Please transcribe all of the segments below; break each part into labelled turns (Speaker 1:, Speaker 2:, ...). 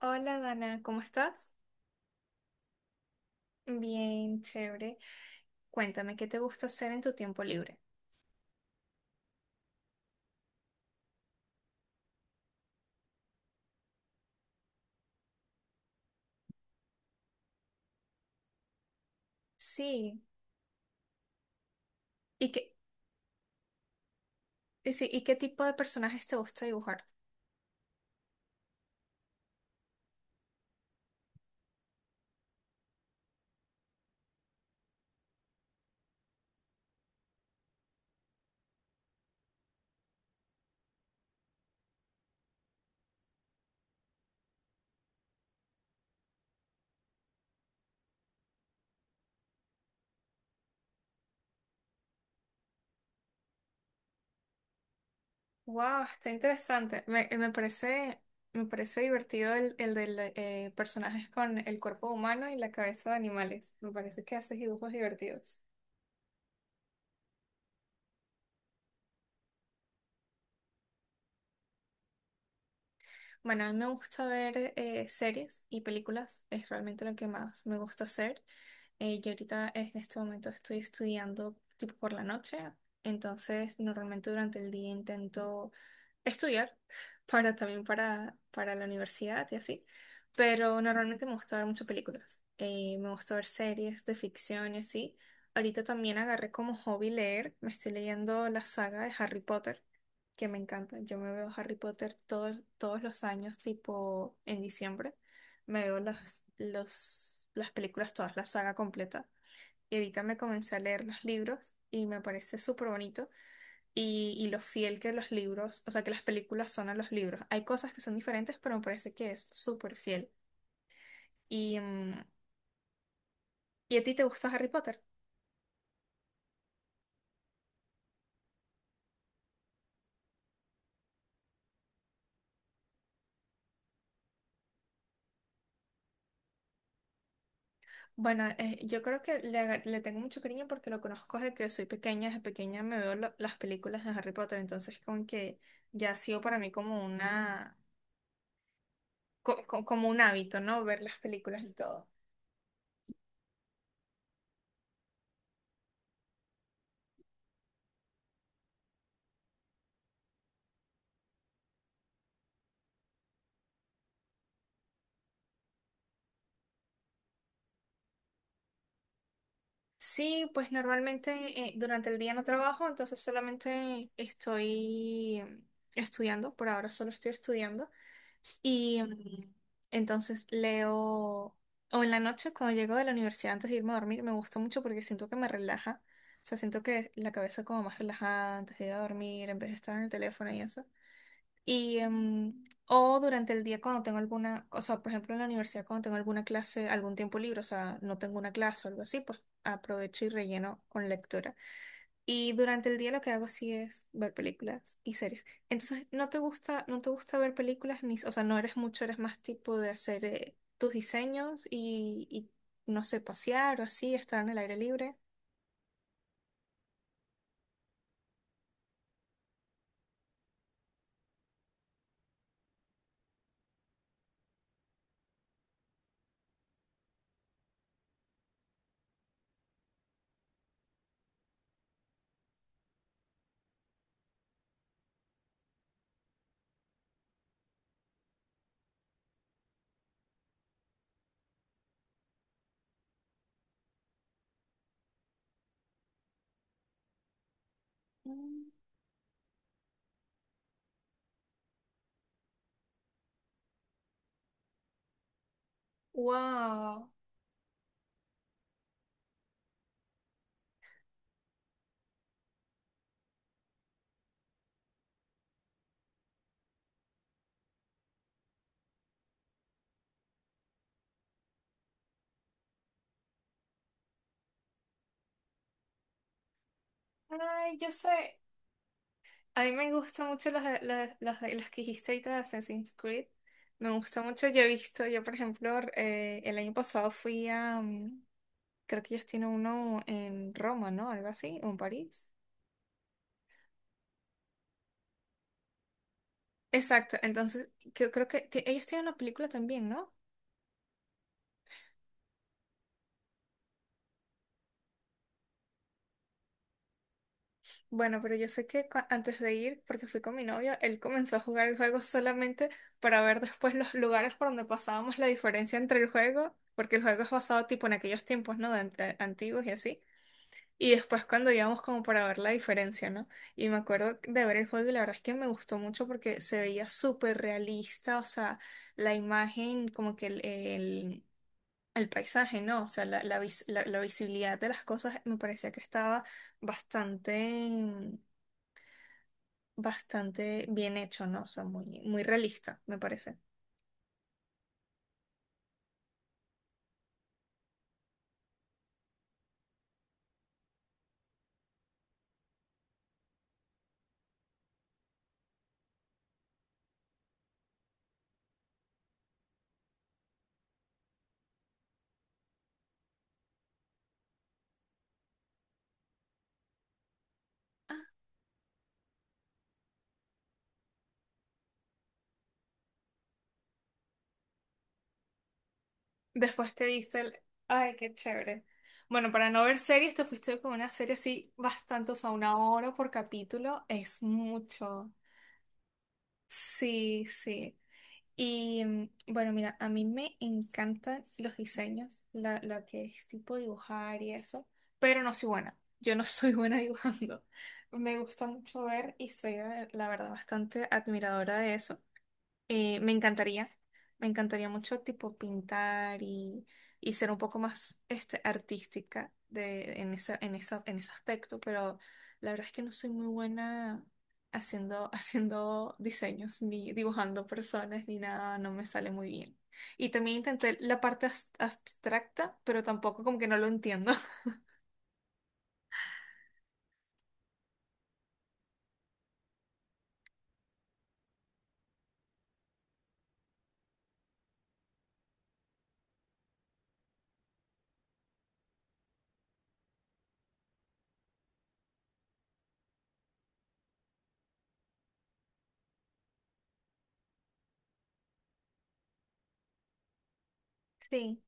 Speaker 1: Hola Dana, ¿cómo estás? Bien, chévere. Cuéntame, ¿qué te gusta hacer en tu tiempo libre? Sí, ¿y qué, y sí, ¿y qué tipo de personajes te gusta dibujar? Wow, está interesante. Me parece divertido el de personajes con el cuerpo humano y la cabeza de animales. Me parece que haces dibujos divertidos. Bueno, a mí me gusta ver series y películas. Es realmente lo que más me gusta hacer. Yo ahorita en este momento estoy estudiando tipo por la noche, entonces normalmente durante el día intento estudiar para también para la universidad y así, pero normalmente me gusta ver muchas películas. Me gusta ver series de ficción y así. Ahorita también agarré como hobby leer, me estoy leyendo la saga de Harry Potter, que me encanta. Yo me veo Harry Potter todos los años tipo en diciembre. Me veo las películas todas, la saga completa. Y ahorita me comencé a leer los libros y me parece súper bonito. Y lo fiel que los libros, o sea, que las películas son a los libros. Hay cosas que son diferentes, pero me parece que es súper fiel. Y, mm, ¿y a ti te gusta Harry Potter? Bueno, yo creo que le tengo mucho cariño porque lo conozco desde que soy pequeña. Desde pequeña me veo las películas de Harry Potter, entonces como que ya ha sido para mí como como un hábito, ¿no? Ver las películas y todo. Sí, pues normalmente durante el día no trabajo, entonces solamente estoy estudiando. Por ahora solo estoy estudiando y entonces leo o en la noche cuando llego de la universidad antes de irme a dormir me gusta mucho porque siento que me relaja, o sea, siento que la cabeza como más relajada antes de ir a dormir en vez de estar en el teléfono y eso. Y, o durante el día cuando tengo alguna, o sea, por ejemplo en la universidad cuando tengo alguna clase, algún tiempo libre, o sea, no tengo una clase o algo así, pues aprovecho y relleno con lectura. Y durante el día lo que hago sí es ver películas y series. Entonces, ¿no te gusta ver películas ni, o sea, no eres mucho, eres más tipo de hacer tus diseños y no sé, pasear o así, estar en el aire libre? Mm. Wow. Ay, yo sé. A mí me gustan mucho los que dijiste ahorita de Assassin's Creed. Me gusta mucho. Yo por ejemplo, el año pasado fui creo que ellos tienen uno en Roma, ¿no? Algo así, o en París. Exacto, entonces yo creo que ellos tienen una película también, ¿no? Bueno, pero yo sé que antes de ir, porque fui con mi novio, él comenzó a jugar el juego solamente para ver después los lugares por donde pasábamos la diferencia entre el juego, porque el juego es basado tipo en aquellos tiempos, ¿no? De antiguos y así. Y después cuando íbamos como para ver la diferencia, ¿no? Y me acuerdo de ver el juego y la verdad es que me gustó mucho porque se veía súper realista, o sea, la imagen, como que el paisaje, ¿no? O sea, la visibilidad de las cosas me parecía que estaba bastante, bastante bien hecho, ¿no? O sea, muy, muy realista, me parece. Después te dice el, ay, qué chévere. Bueno, para no ver series, te fuiste con una serie así bastante, o sea, una hora por capítulo, es mucho. Sí, sí. Y bueno, mira, a mí me encantan los diseños, lo que es tipo dibujar y eso, pero no soy buena. Yo no soy buena dibujando. Me gusta mucho ver y soy, la verdad, bastante admiradora de eso. Eh, me encantaría, me encantaría mucho tipo pintar y ser un poco más artística de, en ese aspecto, pero la verdad es que no soy muy buena haciendo, haciendo diseños, ni dibujando personas, ni nada, no me sale muy bien. Y también intenté la parte abstracta, pero tampoco como que no lo entiendo. Sí,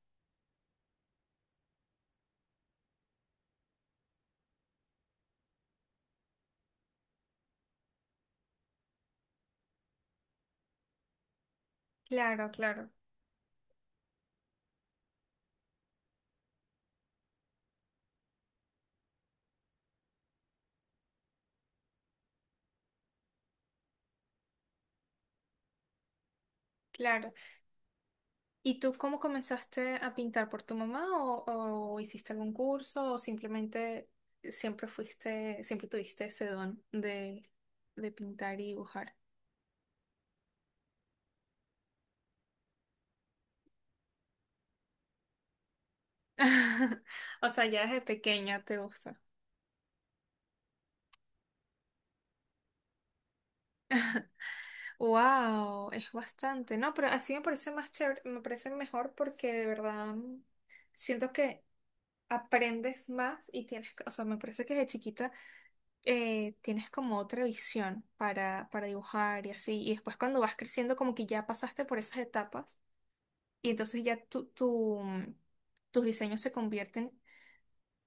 Speaker 1: claro, claro, claro. ¿Y tú cómo comenzaste a pintar por tu mamá o hiciste algún curso o simplemente siempre tuviste ese don de pintar y dibujar? O sea, ya desde pequeña te gusta. Wow, es bastante. No, pero así me parece más chévere, me parece mejor porque de verdad siento que aprendes más y tienes, o sea, me parece que desde chiquita tienes como otra visión para, dibujar y así. Y después cuando vas creciendo, como que ya pasaste por esas etapas y entonces ya tus diseños se convierten,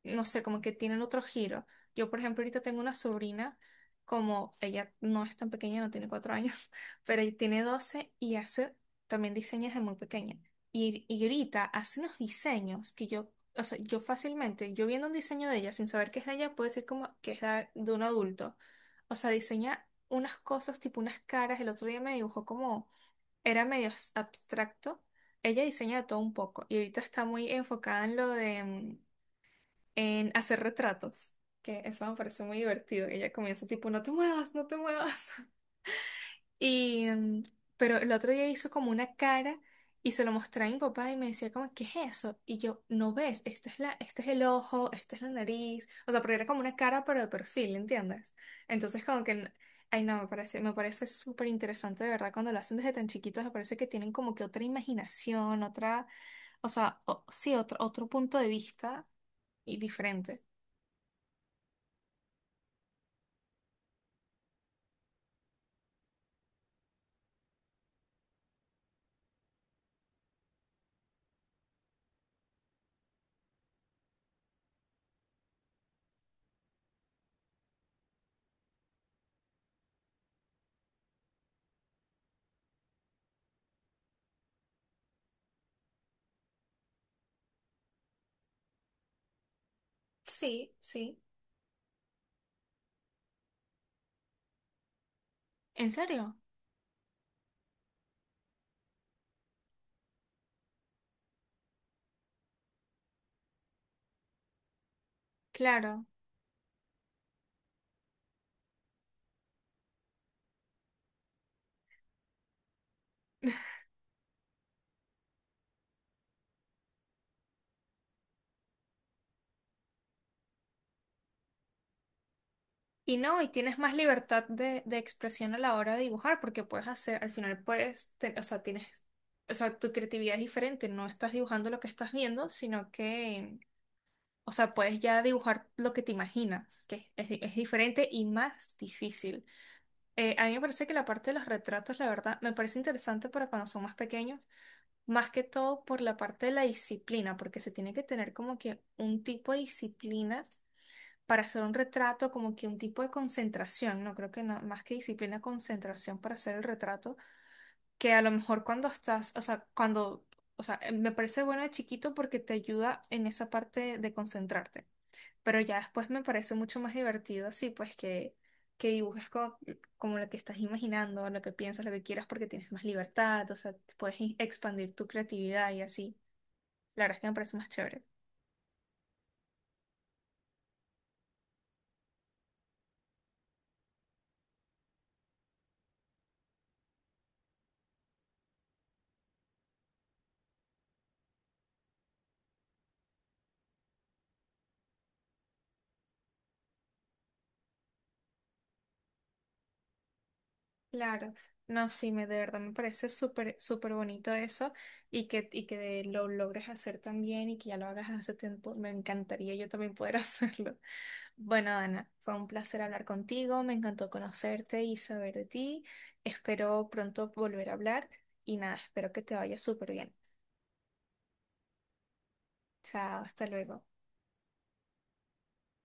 Speaker 1: no sé, como que tienen otro giro. Yo, por ejemplo, ahorita tengo una sobrina, como ella no es tan pequeña, no tiene 4 años, pero ella tiene 12 y hace también diseños de muy pequeña. Y ahorita hace unos diseños que yo, o sea, yo fácilmente, yo viendo un diseño de ella sin saber que es de ella, puedo decir como que es de un adulto. O sea, diseña unas cosas, tipo unas caras. El otro día me dibujó como, era medio abstracto. Ella diseña de todo un poco y ahorita está muy enfocada en lo de en hacer retratos, que eso me parece muy divertido. Ella comienza tipo, no te muevas, no te muevas. Y, pero el otro día hizo como una cara y se lo mostré a mi papá y me decía como, ¿qué es eso? Y yo, no ves, este es el ojo, esta es la nariz. O sea, porque era como una cara pero de perfil, ¿entiendes? Entonces como que, ay no, me parece súper interesante de verdad cuando lo hacen desde tan chiquitos, me parece que tienen como que otra imaginación, otra, o sea, sí, otro punto de vista y diferente. Sí, sí. ¿En serio? Claro. Y no, y tienes más libertad de expresión a la hora de dibujar, porque puedes hacer, al final puedes, o sea, tienes, o sea, tu creatividad es diferente, no estás dibujando lo que estás viendo, sino que, o sea, puedes ya dibujar lo que te imaginas, que es, es diferente y más difícil. A mí me parece que la parte de los retratos, la verdad, me parece interesante para cuando son más pequeños, más que todo por la parte de la disciplina, porque se tiene que tener como que un tipo de disciplina para hacer un retrato, como que un tipo de concentración, no creo que no, más que disciplina, concentración para hacer el retrato, que a lo mejor cuando estás, o sea, cuando, o sea, me parece bueno de chiquito porque te ayuda en esa parte de concentrarte, pero ya después me parece mucho más divertido así, pues que dibujes como, lo que estás imaginando, lo que piensas, lo que quieras, porque tienes más libertad, o sea, puedes expandir tu creatividad y así. La verdad es que me parece más chévere. Claro, no, sí, de verdad me parece súper, súper bonito eso y que lo logres hacer también y que ya lo hagas hace tiempo, me encantaría yo también poder hacerlo. Bueno, Ana, fue un placer hablar contigo, me encantó conocerte y saber de ti, espero pronto volver a hablar y nada, espero que te vaya súper bien. Chao, hasta luego.